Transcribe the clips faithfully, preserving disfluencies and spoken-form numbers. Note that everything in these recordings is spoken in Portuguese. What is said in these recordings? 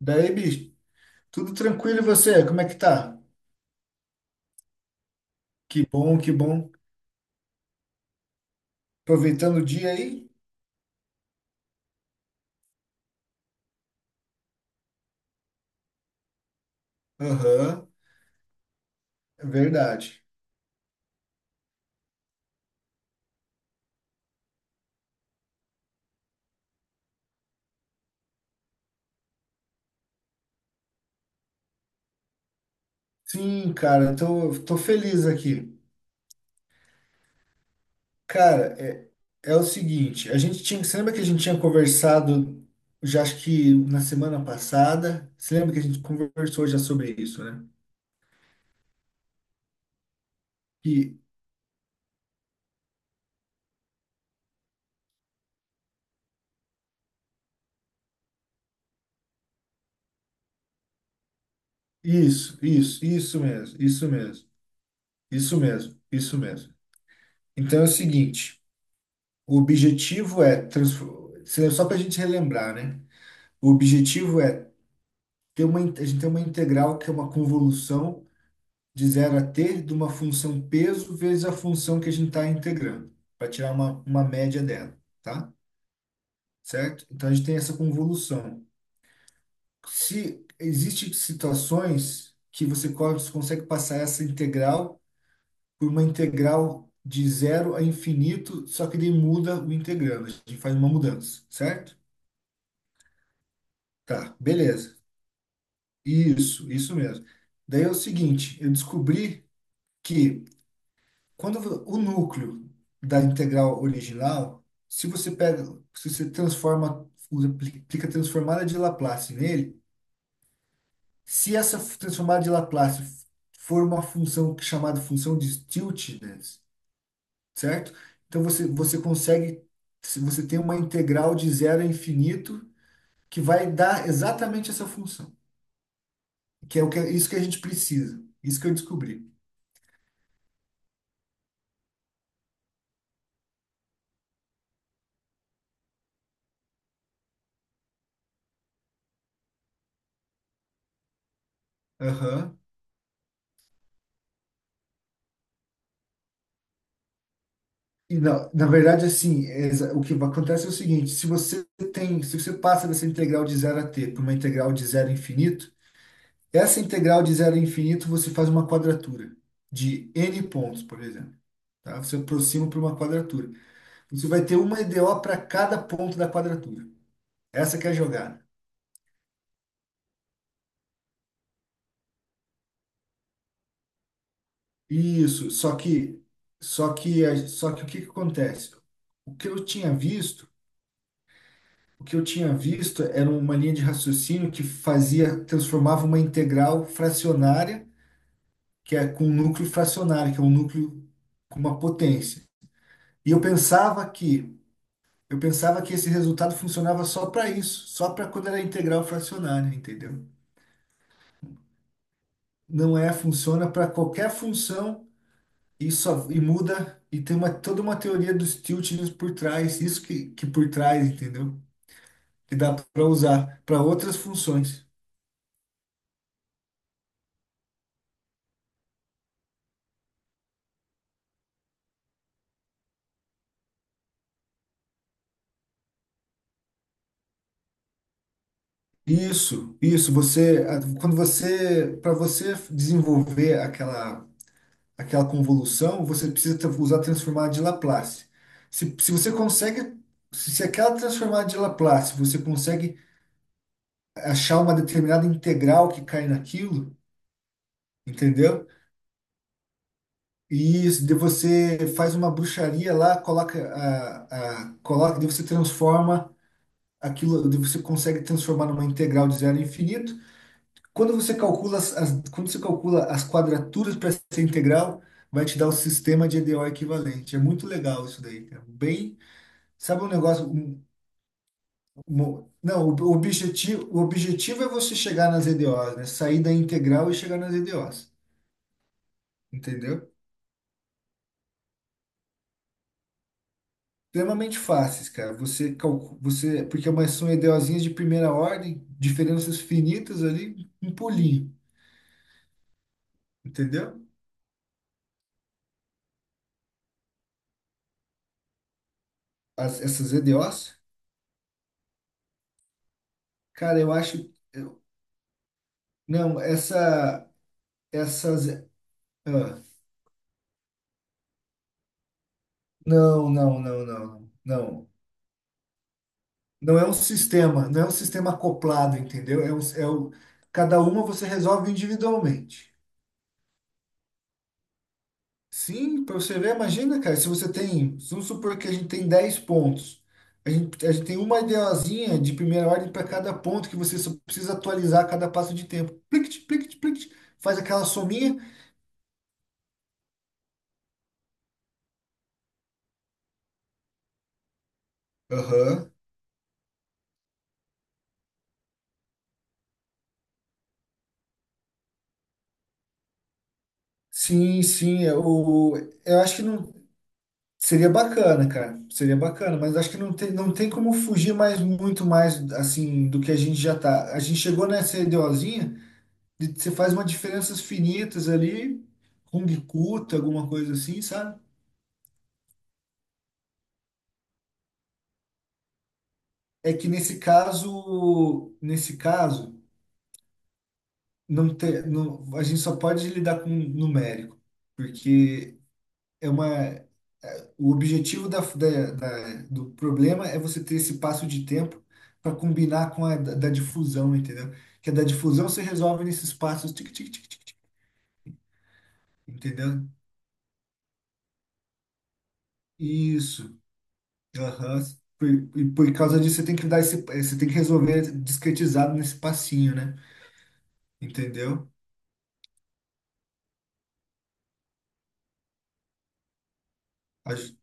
Daí, bicho, tudo tranquilo e você? Como é que tá? Que bom, que bom. Aproveitando o dia aí? Aham, é verdade. Sim, cara, tô, tô feliz aqui. Cara, é, é o seguinte, a gente tinha, você lembra que a gente tinha conversado, já acho que na semana passada, você lembra que a gente conversou já sobre isso, né? Que, isso, isso, isso mesmo, isso mesmo, isso mesmo, isso mesmo. Então é o seguinte, o objetivo é, transfor- só para a gente relembrar, né? O objetivo é ter uma, in- a gente tem uma integral que é uma convolução de zero a t de uma função peso vezes a função que a gente está integrando, para tirar uma, uma média dela, tá? Certo? Então a gente tem essa convolução. Se existem situações que você co- consegue passar essa integral por uma integral de zero a infinito, só que ele muda o integrando, a gente faz uma mudança, certo? Tá, beleza. Isso, isso mesmo. Daí é o seguinte, eu descobri que quando vo- o núcleo da integral original, se você pega, se você transforma, usa- aplica a transformada de Laplace nele, se essa f- transformada de Laplace f- for uma função que- chamada função de Stieltjes, certo? Então você, você consegue, se você tem uma integral de zero a infinito que vai dar exatamente essa função, que é o que, é, isso que a gente precisa. Isso que eu descobri. Aham. E na, na verdade, assim, é exa- o que va- acontece é o seguinte: se você tem, se você passa dessa integral de zero a t para uma integral de zero a infinito, essa integral de zero a infinito você faz uma quadratura de n pontos, por exemplo. Tá? Você aproxima para uma quadratura. Você vai ter uma e EDO para cada ponto da quadratura. Essa que é a jogada. Isso, só que, só que, a- só que o que que acontece? O que eu tinha visto O que eu tinha visto era uma linha de raciocínio que fazia, transformava uma integral fracionária, que é com um núcleo fracionário, que é um núcleo com uma potência. E eu pensava que, eu pensava que esse resultado funcionava só para isso, só para quando era integral fracionária, entendeu? Não é, funciona para qualquer função e só e muda e tem uma toda uma teoria dos tiltings por trás, isso que, que por trás, entendeu? Que dá para usar para outras funções. Isso, isso, você, a- quando você, para você desenvolver aquela, aquela convolução, você precisa tra- usar a transformada de Laplace. Se, se você consegue, se, se aquela transformada de Laplace, você consegue achar uma determinada integral que cai naquilo, entendeu? E isso, de você faz uma bruxaria lá, coloca, a, a, coloca, daí você transforma aquilo, daí você consegue transformar numa integral de zero a infinito. Quando você calcula as, as- quando você calcula as quadraturas para essa integral, vai te dar o sistema de E D O equivalente. É muito legal isso daí, cara. Bem, sabe um negócio, um- um- não, o o objetivo, o objetivo é você chegar nas E D Os, né? Sair da integral e chegar nas E D Os, entendeu? Extremamente fáceis, cara. Você calcula, você, porque é mas são EDOzinhas de primeira ordem, diferenças finitas ali, um pulinho, entendeu? As- essas E D Os, cara, eu acho eu- não, essa. Essas. Ah, não, não, não, não, não. Não é um sistema, não é um sistema acoplado, entendeu? É um, é o, cada uma você resolve individualmente. Sim, para você ver, imagina, cara, se você tem, vamos supor que a gente tem dez pontos. A gente, a gente tem uma ideazinha de primeira ordem para cada ponto que você só precisa atualizar a cada passo de tempo. Plict, plict, plict, faz aquela sominha. Aham. Sim, sim, é o, eu acho que não. Seria bacana, cara. Seria bacana, mas acho que não tem, não tem como fugir mais muito mais assim do que a gente já tá. A gente chegou nessa ideozinha de você faz umas diferenças finitas ali, Kung Kuta, alguma coisa assim, sabe? É que nesse caso, nesse caso, não tem, não, a gente só pode lidar com numérico, porque é uma, é, o objetivo da, da, da- do problema é você ter esse passo de tempo para combinar com a da, da difusão, entendeu? Que a da difusão você resolve nesses passos, tic, tic, tic, tic, tic, entendeu? Isso. Aham. Por, e por causa disso, você tem que dar esse, eh, você tem que resolver discretizado nesse passinho, né? Entendeu? A j-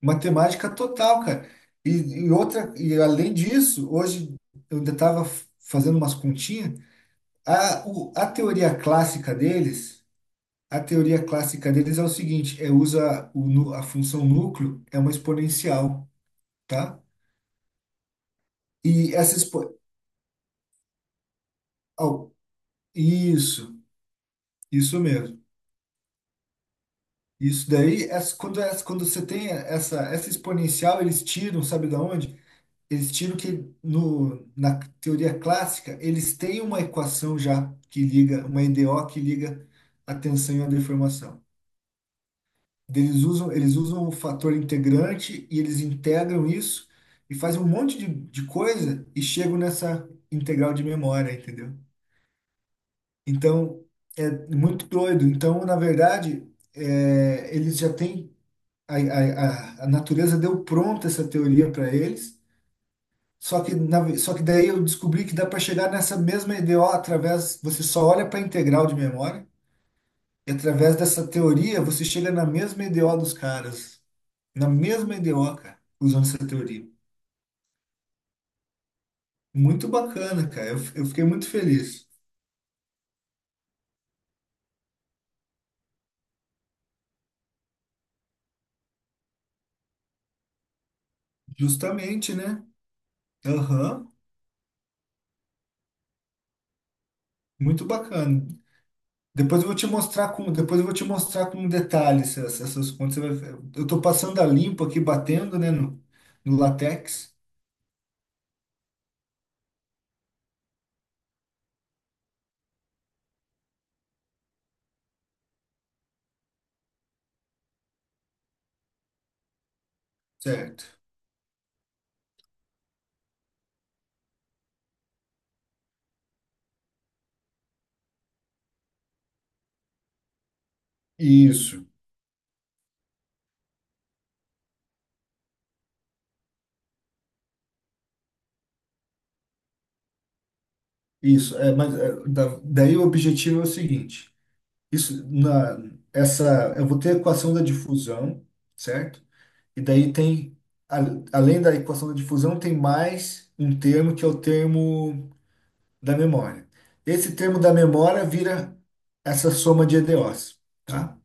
matemática total, cara. E, e outra, e além disso, hoje eu ainda estava fazendo umas continhas. A, o- a teoria clássica deles, a teoria clássica deles é o seguinte, é usa o, nu- a função núcleo é uma exponencial, tá? E essa expo, au- isso, isso mesmo. Isso daí, essa- quando, essa- quando você tem essa, essa exponencial, eles tiram, sabe da onde? Eles tiram que no, na teoria clássica, eles têm uma equação já que liga, uma E D O que liga a tensão e a deformação. Eles usam, eles usam o fator integrante e eles integram isso e fazem um monte de, de coisa e chegam nessa integral de memória, entendeu? Então, é muito doido. Então, na verdade, é, eles já têm. A, a, a a natureza deu pronta essa teoria para eles, só que, na ve- só que daí eu descobri que dá para chegar nessa mesma E D O através. Você só olha para a integral de memória. E através dessa teoria, você chega na mesma E D O dos caras. Na mesma E D O, cara, usando essa teoria. Muito bacana, cara. Eu, eu fiquei muito feliz. Justamente, né? Aham, muito bacana. Depois eu vou te mostrar com, depois eu vou te mostrar com detalhes essas, essas contas. Você vai- Eu tô passando a limpo aqui, batendo, né, no, no latex. Certo. Isso, isso. É, mas é, da- daí o objetivo é o seguinte. Isso, na, essa, eu vou ter a equação da difusão, certo? E daí tem, a- além da equação da difusão, tem mais um termo que é o termo da memória. Esse termo da memória vira essa soma de E D Os, tá?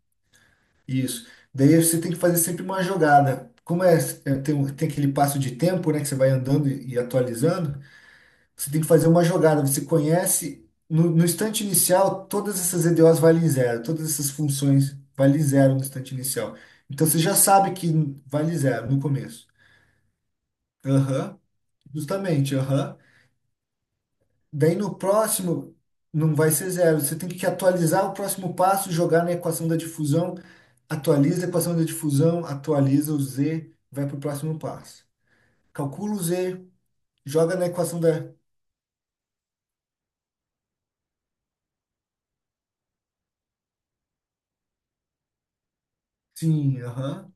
Isso. Daí você tem que fazer sempre uma jogada. Como é, é, tem, um- tem aquele passo de tempo, né, que você vai andando e, e atualizando, você tem que fazer uma jogada. Você conhece, no, no instante inicial, todas essas E D Os valem zero. Todas essas funções valem zero no instante inicial. Então você já sabe que vale zero no começo. Aham, justamente, aham. Daí no próximo, não vai ser zero. Você tem que atualizar o próximo passo, jogar na equação da difusão, atualiza a equação da difusão, atualiza o Z, vai para o próximo passo. Calcula o Z, joga na equação da. Sim, aham,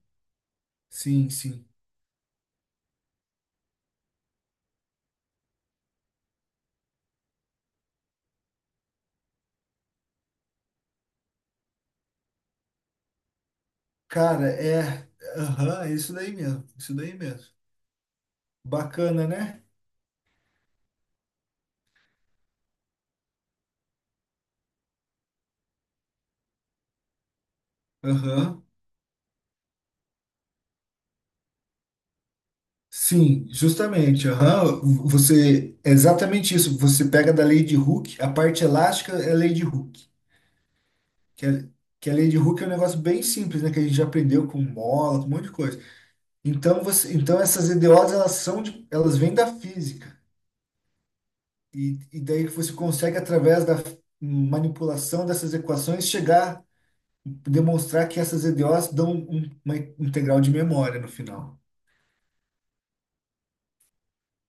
sim, sim. Cara, é. Aham, é isso daí mesmo. Isso daí mesmo. Bacana, né? Aham. Sim, justamente. Aham. Você. É exatamente isso. Você pega da Lady Hook, a parte elástica é Lady Hook. Que, é, que a Lady Hook é um negócio bem simples, né? Que a gente já aprendeu com mola, com um monte de coisa. Então, você, então essas E D Os, elas são de, elas vêm da física. E, e daí que você consegue, através da manipulação dessas equações, chegar demonstrar que essas E D Os dão um, um, uma integral de memória no final,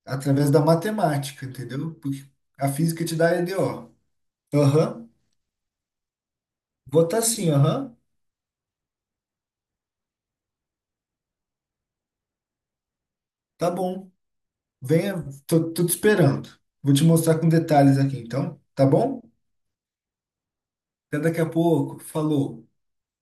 através da matemática, entendeu? Porque a física te dá E D O. Aham, vou tá sim, aham, tá bom. Venha, tô, tô te esperando. Vou te mostrar com detalhes aqui, então, tá bom? Até daqui a pouco, falou.